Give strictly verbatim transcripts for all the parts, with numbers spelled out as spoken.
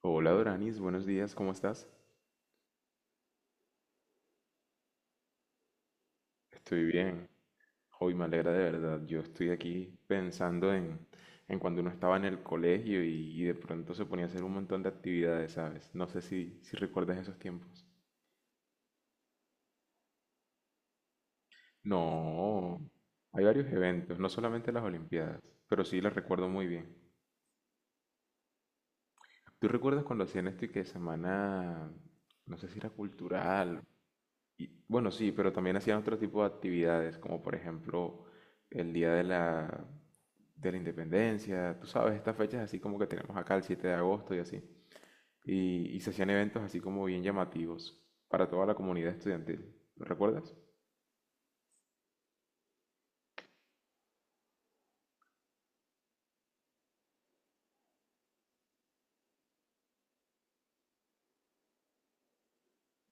Hola Doranis, buenos días, ¿cómo estás? Estoy bien. Hoy me alegra de verdad. Yo estoy aquí pensando en, en cuando uno estaba en el colegio y, y de pronto se ponía a hacer un montón de actividades, ¿sabes? No sé si, si recuerdas esos tiempos. No, hay varios eventos, no solamente las Olimpiadas, pero sí las recuerdo muy bien. ¿Tú recuerdas cuando hacían esto y que semana, no sé si era cultural? Y, bueno, sí, pero también hacían otro tipo de actividades, como por ejemplo el Día de la, de la Independencia, tú sabes, estas fechas así como que tenemos acá el siete de agosto y así. Y, y se hacían eventos así como bien llamativos para toda la comunidad estudiantil. ¿Lo recuerdas?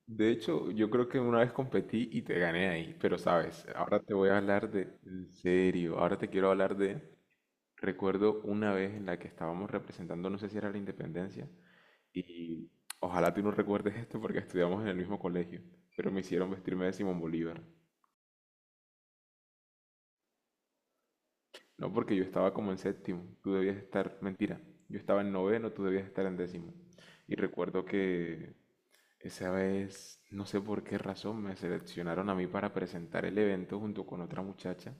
De hecho, yo creo que una vez competí y te gané ahí, pero sabes, ahora te voy a hablar de, en serio, ahora te quiero hablar de, recuerdo una vez en la que estábamos representando, no sé si era la Independencia. Y ojalá tú no recuerdes esto porque estudiamos en el mismo colegio, pero me hicieron vestirme de Simón Bolívar. No porque yo estaba como en séptimo, tú debías estar, mentira, yo estaba en noveno, tú debías estar en décimo. Y recuerdo que esa vez, no sé por qué razón, me seleccionaron a mí para presentar el evento junto con otra muchacha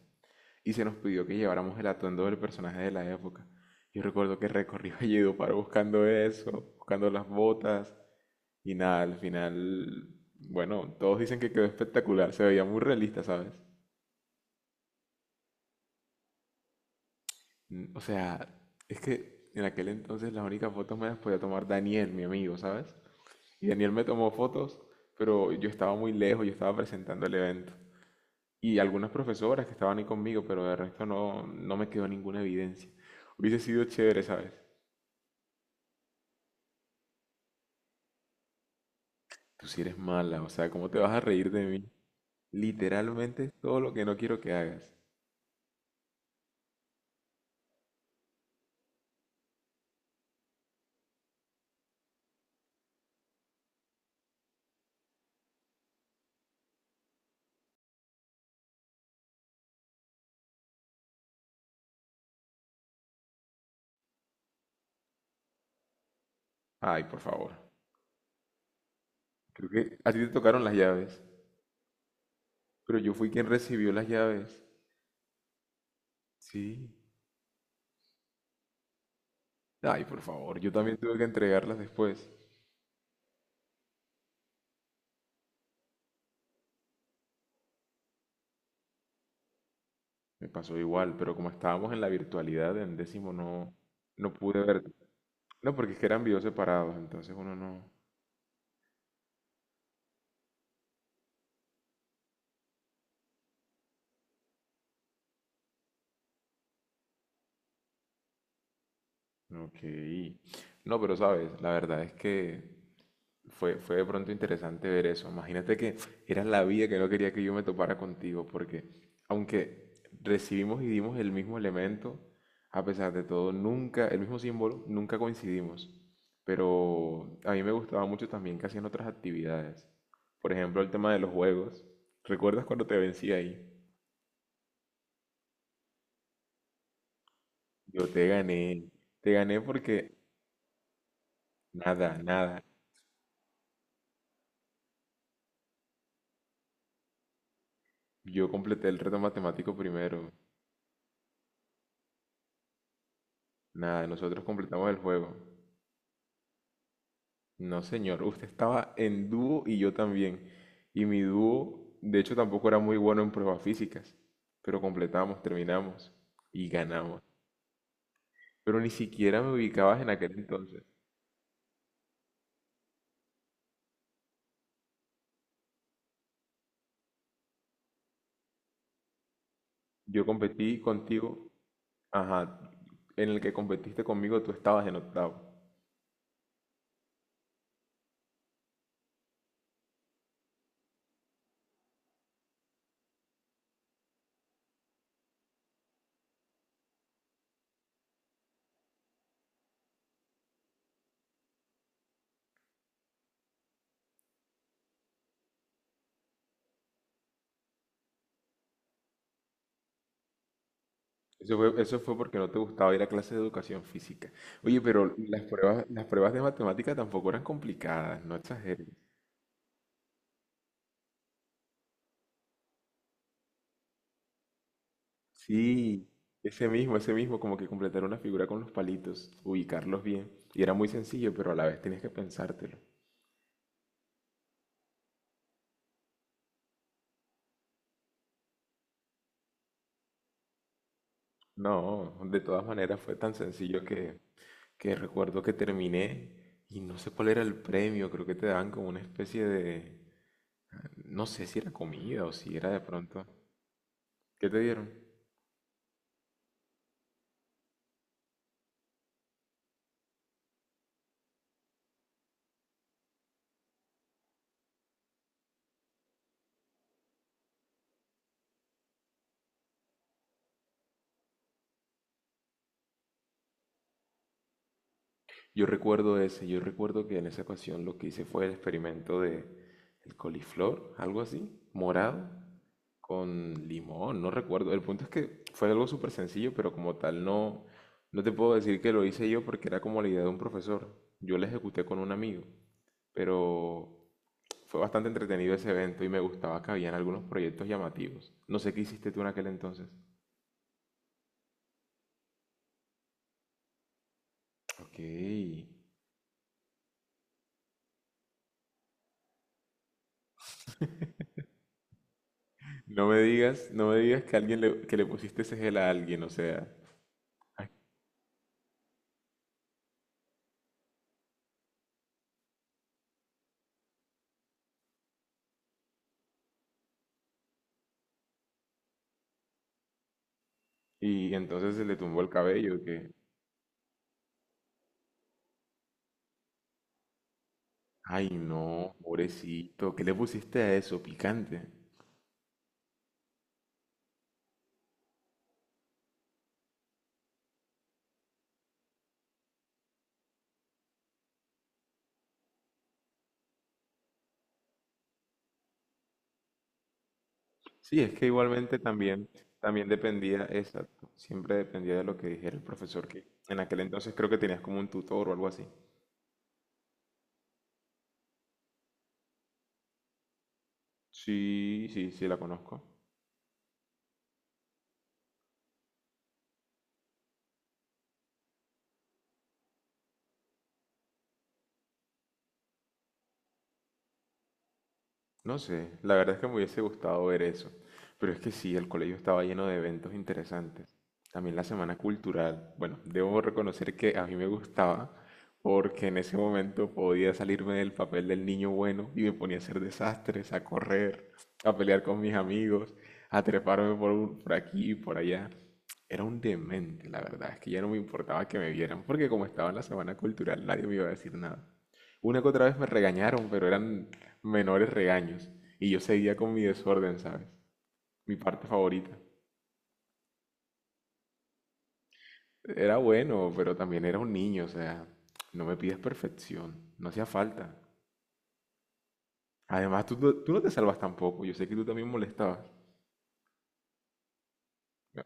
y se nos pidió que lleváramos el atuendo del personaje de la época. Yo recuerdo que recorrí Valledupar buscando eso, buscando las botas. Y nada, al final, bueno, todos dicen que quedó espectacular, se veía muy realista, ¿sabes? Mm, O sea, es que en aquel entonces las únicas fotos me las podía tomar Daniel, mi amigo, ¿sabes? Y Daniel me tomó fotos, pero yo estaba muy lejos, yo estaba presentando el evento. Y algunas profesoras que estaban ahí conmigo, pero de resto no, no me quedó ninguna evidencia. Hubiese sido chévere, ¿sabes? Tú sí eres mala, o sea, ¿cómo te vas a reír de mí? Literalmente todo lo que no quiero que hagas. Ay, por favor. Creo que a ti te tocaron las llaves. Pero yo fui quien recibió las llaves. Sí. Ay, por favor, yo también tuve que entregarlas después. Me pasó igual, pero como estábamos en la virtualidad, en décimo no, no pude ver. No, porque es que eran videos separados, entonces uno no. Ok. No, pero sabes, la verdad es que fue, fue de pronto interesante ver eso. Imagínate que era la vida que no quería que yo me topara contigo, porque aunque recibimos y dimos el mismo elemento, a pesar de todo, nunca, el mismo símbolo, nunca coincidimos. Pero a mí me gustaba mucho también que hacían otras actividades. Por ejemplo, el tema de los juegos. ¿Recuerdas cuando te vencí ahí? Yo te gané. Te gané porque nada, nada. Yo completé el reto matemático primero. Nada, nosotros completamos el juego. No, señor, usted estaba en dúo y yo también. Y mi dúo, de hecho, tampoco era muy bueno en pruebas físicas. Pero completamos, terminamos y ganamos. Pero ni siquiera me ubicabas en aquel entonces. Yo competí contigo, ajá, en el que competiste conmigo tú estabas en octavo. Eso fue, eso fue porque no te gustaba ir a clases de educación física. Oye, pero las pruebas, las pruebas de matemática tampoco eran complicadas, no exageres. Sí, ese mismo, ese mismo, como que completar una figura con los palitos, ubicarlos bien. Y era muy sencillo, pero a la vez tenías que pensártelo. No, de todas maneras fue tan sencillo que, que, recuerdo que terminé y no sé cuál era el premio, creo que te daban como una especie de, no sé si era comida o si era de pronto. ¿Qué te dieron? Yo recuerdo ese, yo recuerdo que en esa ocasión lo que hice fue el experimento de el coliflor, algo así, morado, con limón, no recuerdo. El punto es que fue algo súper sencillo, pero como tal no, no te puedo decir que lo hice yo porque era como la idea de un profesor. Yo la ejecuté con un amigo, pero fue bastante entretenido ese evento y me gustaba que habían algunos proyectos llamativos. No sé qué hiciste tú en aquel entonces. Ok. No me digas, no me digas que alguien le, que le pusiste ese gel a alguien, o sea. Y entonces se le tumbó el cabello, que, ay no, pobrecito, ¿qué le pusiste a eso? Picante. Sí, es que igualmente también, también dependía, exacto, siempre dependía de lo que dijera el profesor, que en aquel entonces creo que tenías como un tutor o algo así. Sí, sí, sí, la conozco. No sé, la verdad es que me hubiese gustado ver eso. Pero es que sí, el colegio estaba lleno de eventos interesantes. También la semana cultural. Bueno, debo reconocer que a mí me gustaba porque en ese momento podía salirme del papel del niño bueno y me ponía a hacer desastres, a correr, a pelear con mis amigos, a treparme por, un- por aquí y por allá. Era un demente, la verdad. Es que ya no me importaba que me vieran porque como estaba en la semana cultural nadie me iba a decir nada. Una que otra vez me regañaron, pero eran menores regaños. Y yo seguía con mi desorden, ¿sabes? Mi parte favorita. Era bueno, pero también era un niño, o sea, no me pides perfección, no hacía falta. Además, tú, no- tú no te salvas tampoco, yo sé que tú también molestabas. No.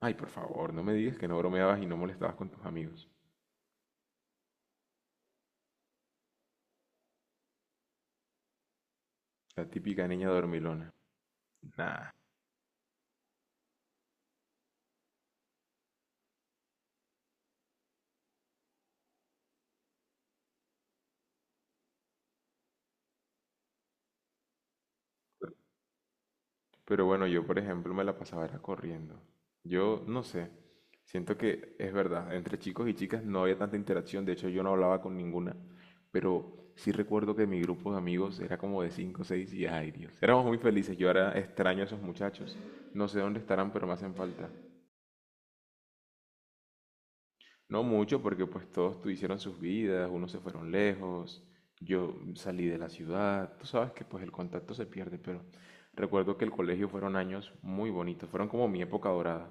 Ay, por favor, no me digas que no bromeabas y no molestabas con tus amigos. La típica niña dormilona. Nah, pero bueno, yo por ejemplo me la pasaba era corriendo. Yo no sé, siento que es verdad, entre chicos y chicas no había tanta interacción, de hecho yo no hablaba con ninguna, pero sí recuerdo que mi grupo de amigos era como de cinco o seis y ay Dios, éramos muy felices, yo ahora extraño a esos muchachos, no sé dónde estarán, pero me hacen falta. No mucho, porque pues todos tu- hicieron sus vidas, unos se fueron lejos, yo salí de la ciudad, tú sabes que pues el contacto se pierde, pero recuerdo que el colegio fueron años muy bonitos, fueron como mi época dorada.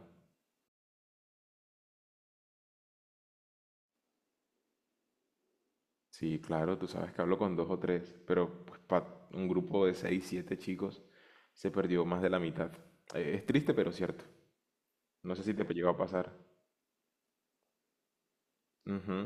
Sí, claro, tú sabes que hablo con dos o tres, pero pues para un grupo de seis, siete chicos se perdió más de la mitad. Eh, Es triste, pero cierto. No sé si te llegó a pasar. Ujú.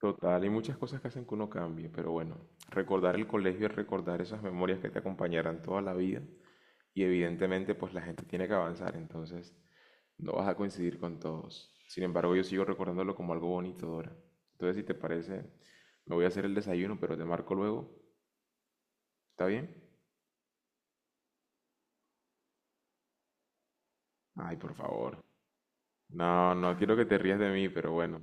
Total, hay muchas cosas que hacen que uno cambie, pero bueno, recordar el colegio y recordar esas memorias que te acompañarán toda la vida y evidentemente pues la gente tiene que avanzar, entonces no vas a coincidir con todos. Sin embargo, yo sigo recordándolo como algo bonito, Dora. Entonces, si te parece, me voy a hacer el desayuno, pero te marco luego. ¿Está bien? Ay, por favor. No, no quiero que te rías de mí, pero bueno.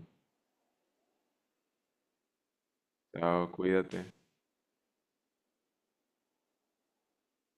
Chao, cuídate.